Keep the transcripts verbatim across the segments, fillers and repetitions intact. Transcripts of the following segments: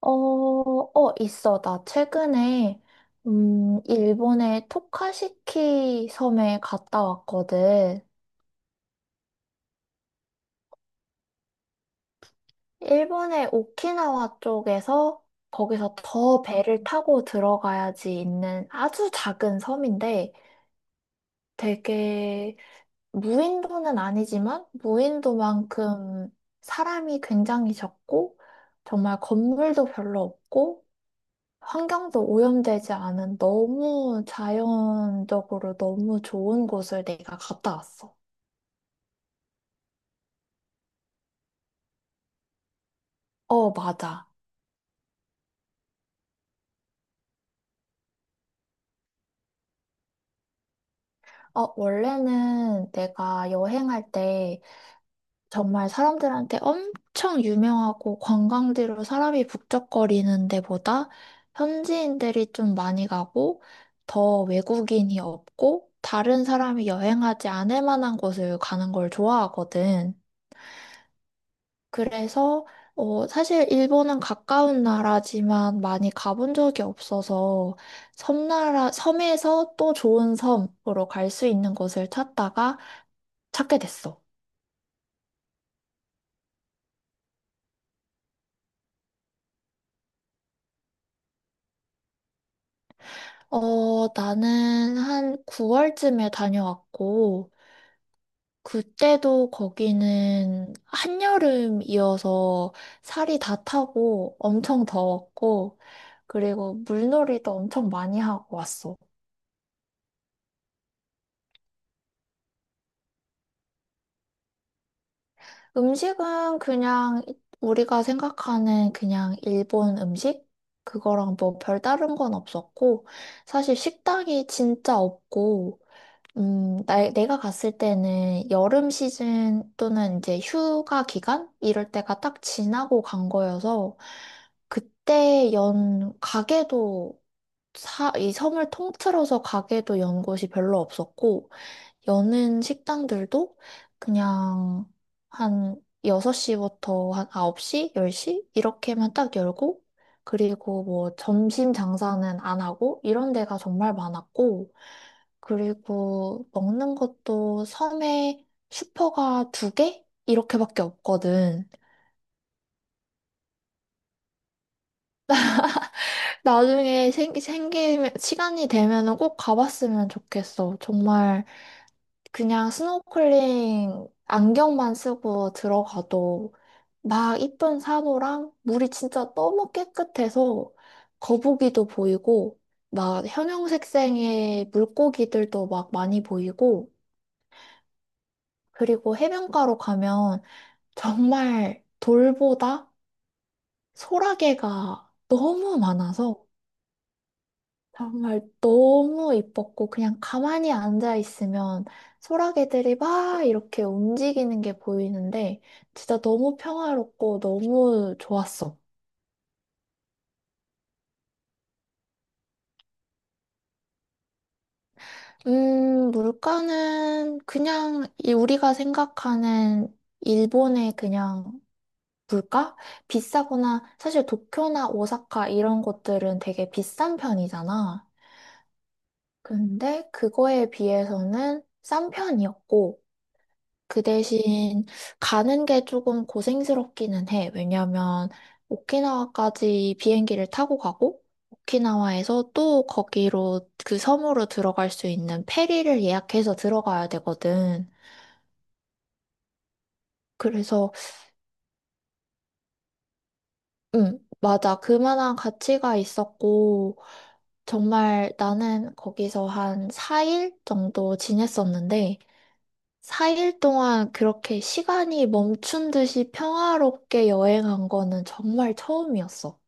어, 어, 있어. 나 최근에, 음, 일본의 토카시키 섬에 갔다 왔거든. 일본의 오키나와 쪽에서 거기서 더 배를 타고 들어가야지 있는 아주 작은 섬인데 되게 무인도는 아니지만 무인도만큼 사람이 굉장히 적고 정말 건물도 별로 없고 환경도 오염되지 않은 너무 자연적으로 너무 좋은 곳을 내가 갔다 왔어. 어, 맞아. 어, 원래는 내가 여행할 때 정말 사람들한테 엄청 유명하고 관광지로 사람이 북적거리는 데보다 현지인들이 좀 많이 가고 더 외국인이 없고 다른 사람이 여행하지 않을 만한 곳을 가는 걸 좋아하거든. 그래서 어, 사실 일본은 가까운 나라지만 많이 가본 적이 없어서 섬나라, 섬에서 또 좋은 섬으로 갈 수 있는 곳을 찾다가 찾게 됐어. 어, 나는 한 구 월쯤에 다녀왔고, 그때도 거기는 한여름이어서 살이 다 타고 엄청 더웠고, 그리고 물놀이도 엄청 많이 하고 왔어. 음식은 그냥 우리가 생각하는 그냥 일본 음식? 그거랑 뭐 별다른 건 없었고, 사실 식당이 진짜 없고, 음, 나, 내가 갔을 때는 여름 시즌 또는 이제 휴가 기간? 이럴 때가 딱 지나고 간 거여서, 그때 연 가게도 사, 이 섬을 통틀어서 가게도 연 곳이 별로 없었고, 여는 식당들도 그냥 한 여섯 시부터 한 아홉 시, 열 시 이렇게만 딱 열고 그리고 뭐 점심 장사는 안 하고 이런 데가 정말 많았고 그리고 먹는 것도 섬에 슈퍼가 두 개? 이렇게밖에 없거든. 나중에 생기, 생기면, 시간이 되면은 꼭 가봤으면 좋겠어. 정말 그냥 스노클링 안경만 쓰고 들어가도 막 이쁜 산호랑 물이 진짜 너무 깨끗해서 거북이도 보이고 막 형형색색의 물고기들도 막 많이 보이고 그리고 해변가로 가면 정말 돌보다 소라게가 너무 많아서 정말 너무 이뻤고 그냥 가만히 앉아 있으면 소라게들이 막 이렇게 움직이는 게 보이는데 진짜 너무 평화롭고 너무 좋았어. 음, 물가는 그냥 이 우리가 생각하는 일본의 그냥 물가? 비싸거나 사실 도쿄나 오사카 이런 곳들은 되게 비싼 편이잖아. 근데 그거에 비해서는 싼 편이었고 그 대신 가는 게 조금 고생스럽기는 해. 왜냐면 오키나와까지 비행기를 타고 가고 오키나와에서 또 거기로 그 섬으로 들어갈 수 있는 페리를 예약해서 들어가야 되거든. 그래서 음, 맞아. 그만한 가치가 있었고 정말 나는 거기서 한 사 일 정도 지냈었는데 사 일 동안 그렇게 시간이 멈춘 듯이 평화롭게 여행한 거는 정말 처음이었어.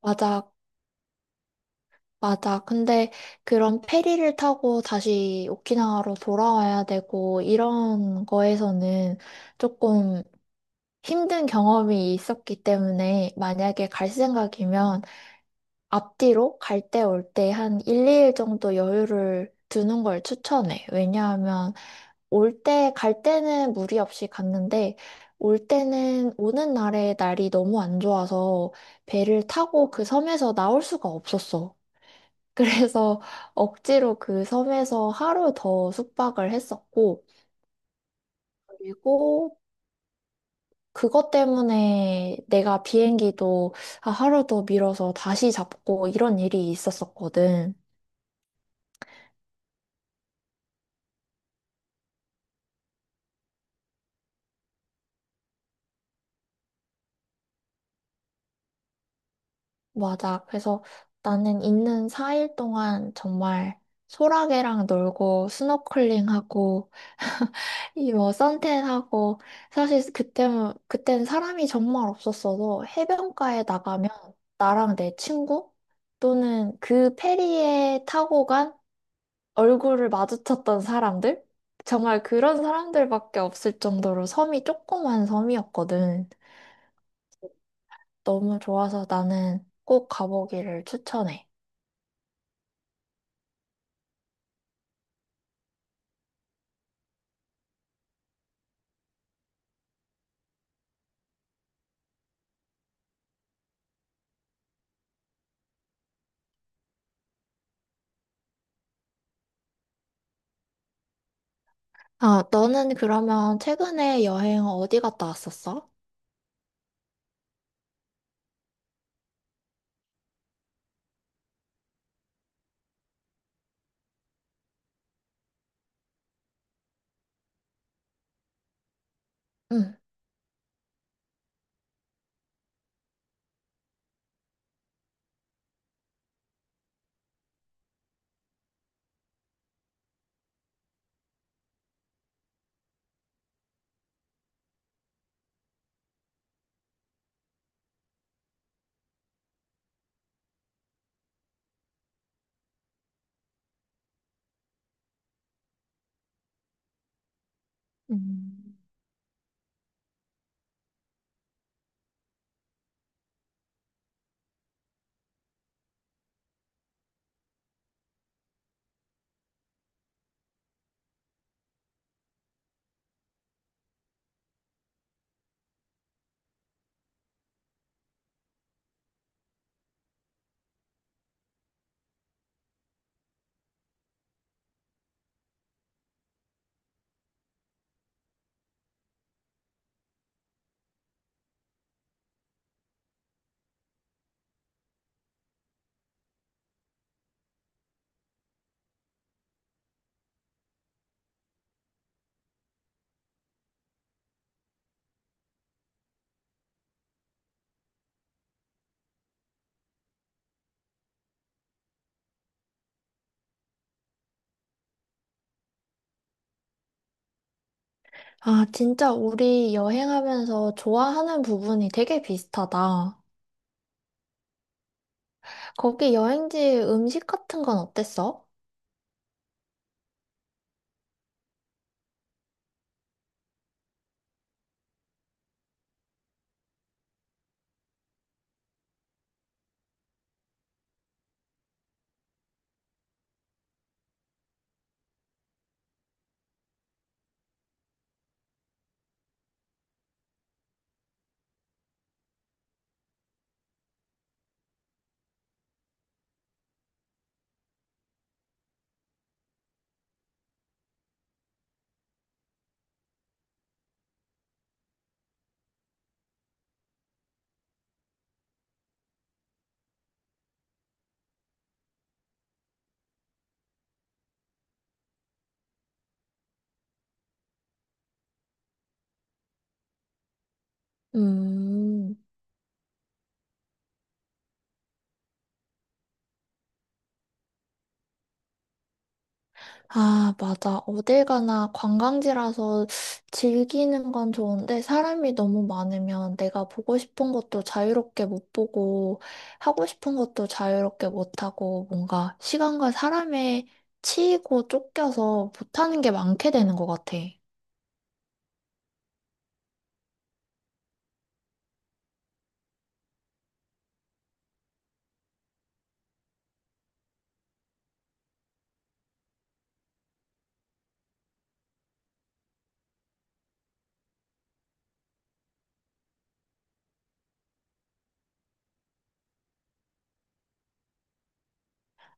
맞아, 맞아. 근데 그런 페리를 타고 다시 오키나와로 돌아와야 되고 이런 거에서는 조금 힘든 경험이 있었기 때문에 만약에 갈 생각이면 앞뒤로 갈 때 올 때 한 일, 이 일 정도 여유를 두는 걸 추천해. 왜냐하면 올 때, 갈 때는 무리 없이 갔는데 올 때는 오는 날에 날이 너무 안 좋아서 배를 타고 그 섬에서 나올 수가 없었어. 그래서 억지로 그 섬에서 하루 더 숙박을 했었고 그리고 그것 때문에 내가 비행기도 아, 하루 더 밀어서 다시 잡고 이런 일이 있었었거든. 맞아. 그래서 나는 있는 사 일 동안 정말 소라게랑 놀고 스노클링하고 이 뭐 선탠하고 사실 그때 그때는 사람이 정말 없었어도 해변가에 나가면 나랑 내 친구 또는 그 페리에 타고 간 얼굴을 마주쳤던 사람들 정말 그런 사람들밖에 없을 정도로 섬이 조그만 섬이었거든. 너무 좋아서 나는 꼭 가보기를 추천해. 아, 너는 그러면 최근에 여행 어디 갔다 왔었어? 응. 음, 아, 진짜 우리 여행하면서 좋아하는 부분이 되게 비슷하다. 거기 여행지 음식 같은 건 어땠어? 음. 아, 맞아. 어딜 가나 관광지라서 즐기는 건 좋은데 사람이 너무 많으면 내가 보고 싶은 것도 자유롭게 못 보고 하고 싶은 것도 자유롭게 못 하고 뭔가 시간과 사람에 치이고 쫓겨서 못하는 게 많게 되는 것 같아.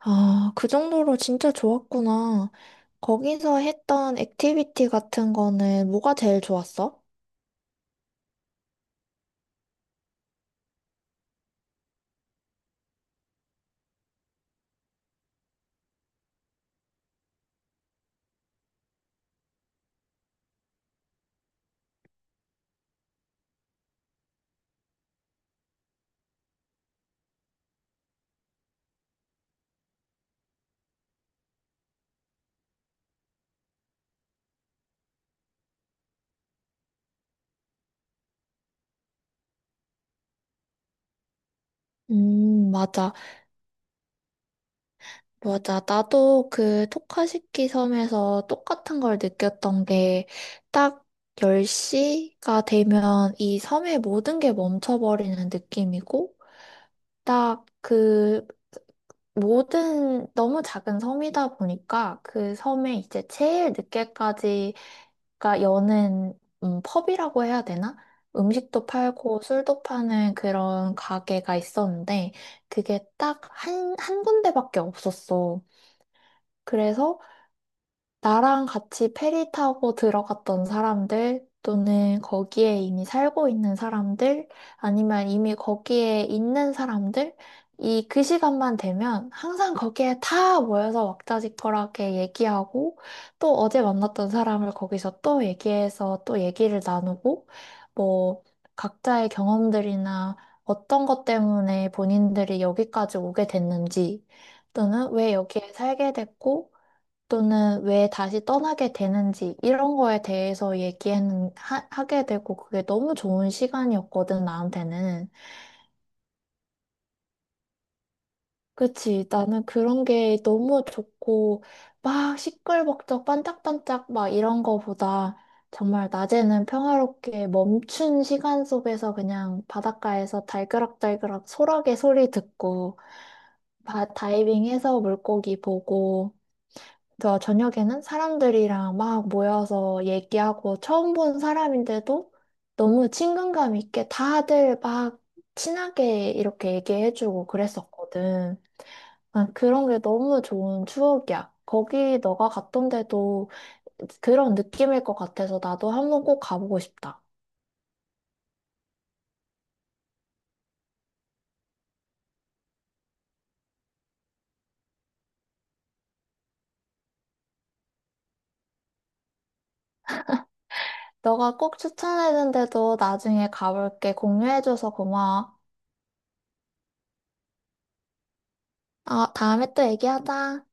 아, 그 정도로 진짜 좋았구나. 거기서 했던 액티비티 같은 거는 뭐가 제일 좋았어? 음, 맞아. 맞아. 나도 그 토카시키 섬에서 똑같은 걸 느꼈던 게 딱 열 시가 되면 이 섬의 모든 게 멈춰버리는 느낌이고 딱 그 모든 너무 작은 섬이다 보니까 그 섬에 이제 제일 늦게까지 가 여는 음, 펍이라고 해야 되나? 음식도 팔고 술도 파는 그런 가게가 있었는데 그게 딱 한, 한 군데밖에 없었어. 그래서 나랑 같이 페리 타고 들어갔던 사람들, 또는 거기에 이미 살고 있는 사람들, 아니면 이미 거기에 있는 사람들, 이 그 시간만 되면 항상 거기에 다 모여서 왁자지껄하게 얘기하고, 또 어제 만났던 사람을 거기서 또 얘기해서 또 얘기를 나누고, 뭐, 각자의 경험들이나 어떤 것 때문에 본인들이 여기까지 오게 됐는지, 또는 왜 여기에 살게 됐고, 또는 왜 다시 떠나게 되는지 이런 거에 대해서 얘기하는 하, 게 되고 그게 너무 좋은 시간이었거든 나한테는. 그치 나는 그런 게 너무 좋고 막 시끌벅적 반짝반짝 막 이런 거보다 정말 낮에는 평화롭게 멈춘 시간 속에서 그냥 바닷가에서 달그락달그락 소라게 소리 듣고 바, 다이빙해서 물고기 보고 저 저녁에는 사람들이랑 막 모여서 얘기하고 처음 본 사람인데도 너무 친근감 있게 다들 막 친하게 이렇게 얘기해주고 그랬었거든. 난 그런 게 너무 좋은 추억이야. 거기 너가 갔던 데도 그런 느낌일 것 같아서 나도 한번 꼭 가보고 싶다. 너가 꼭 추천해준 데도 나중에 가볼게. 공유해줘서 고마워. 아, 다음에 또 얘기하자.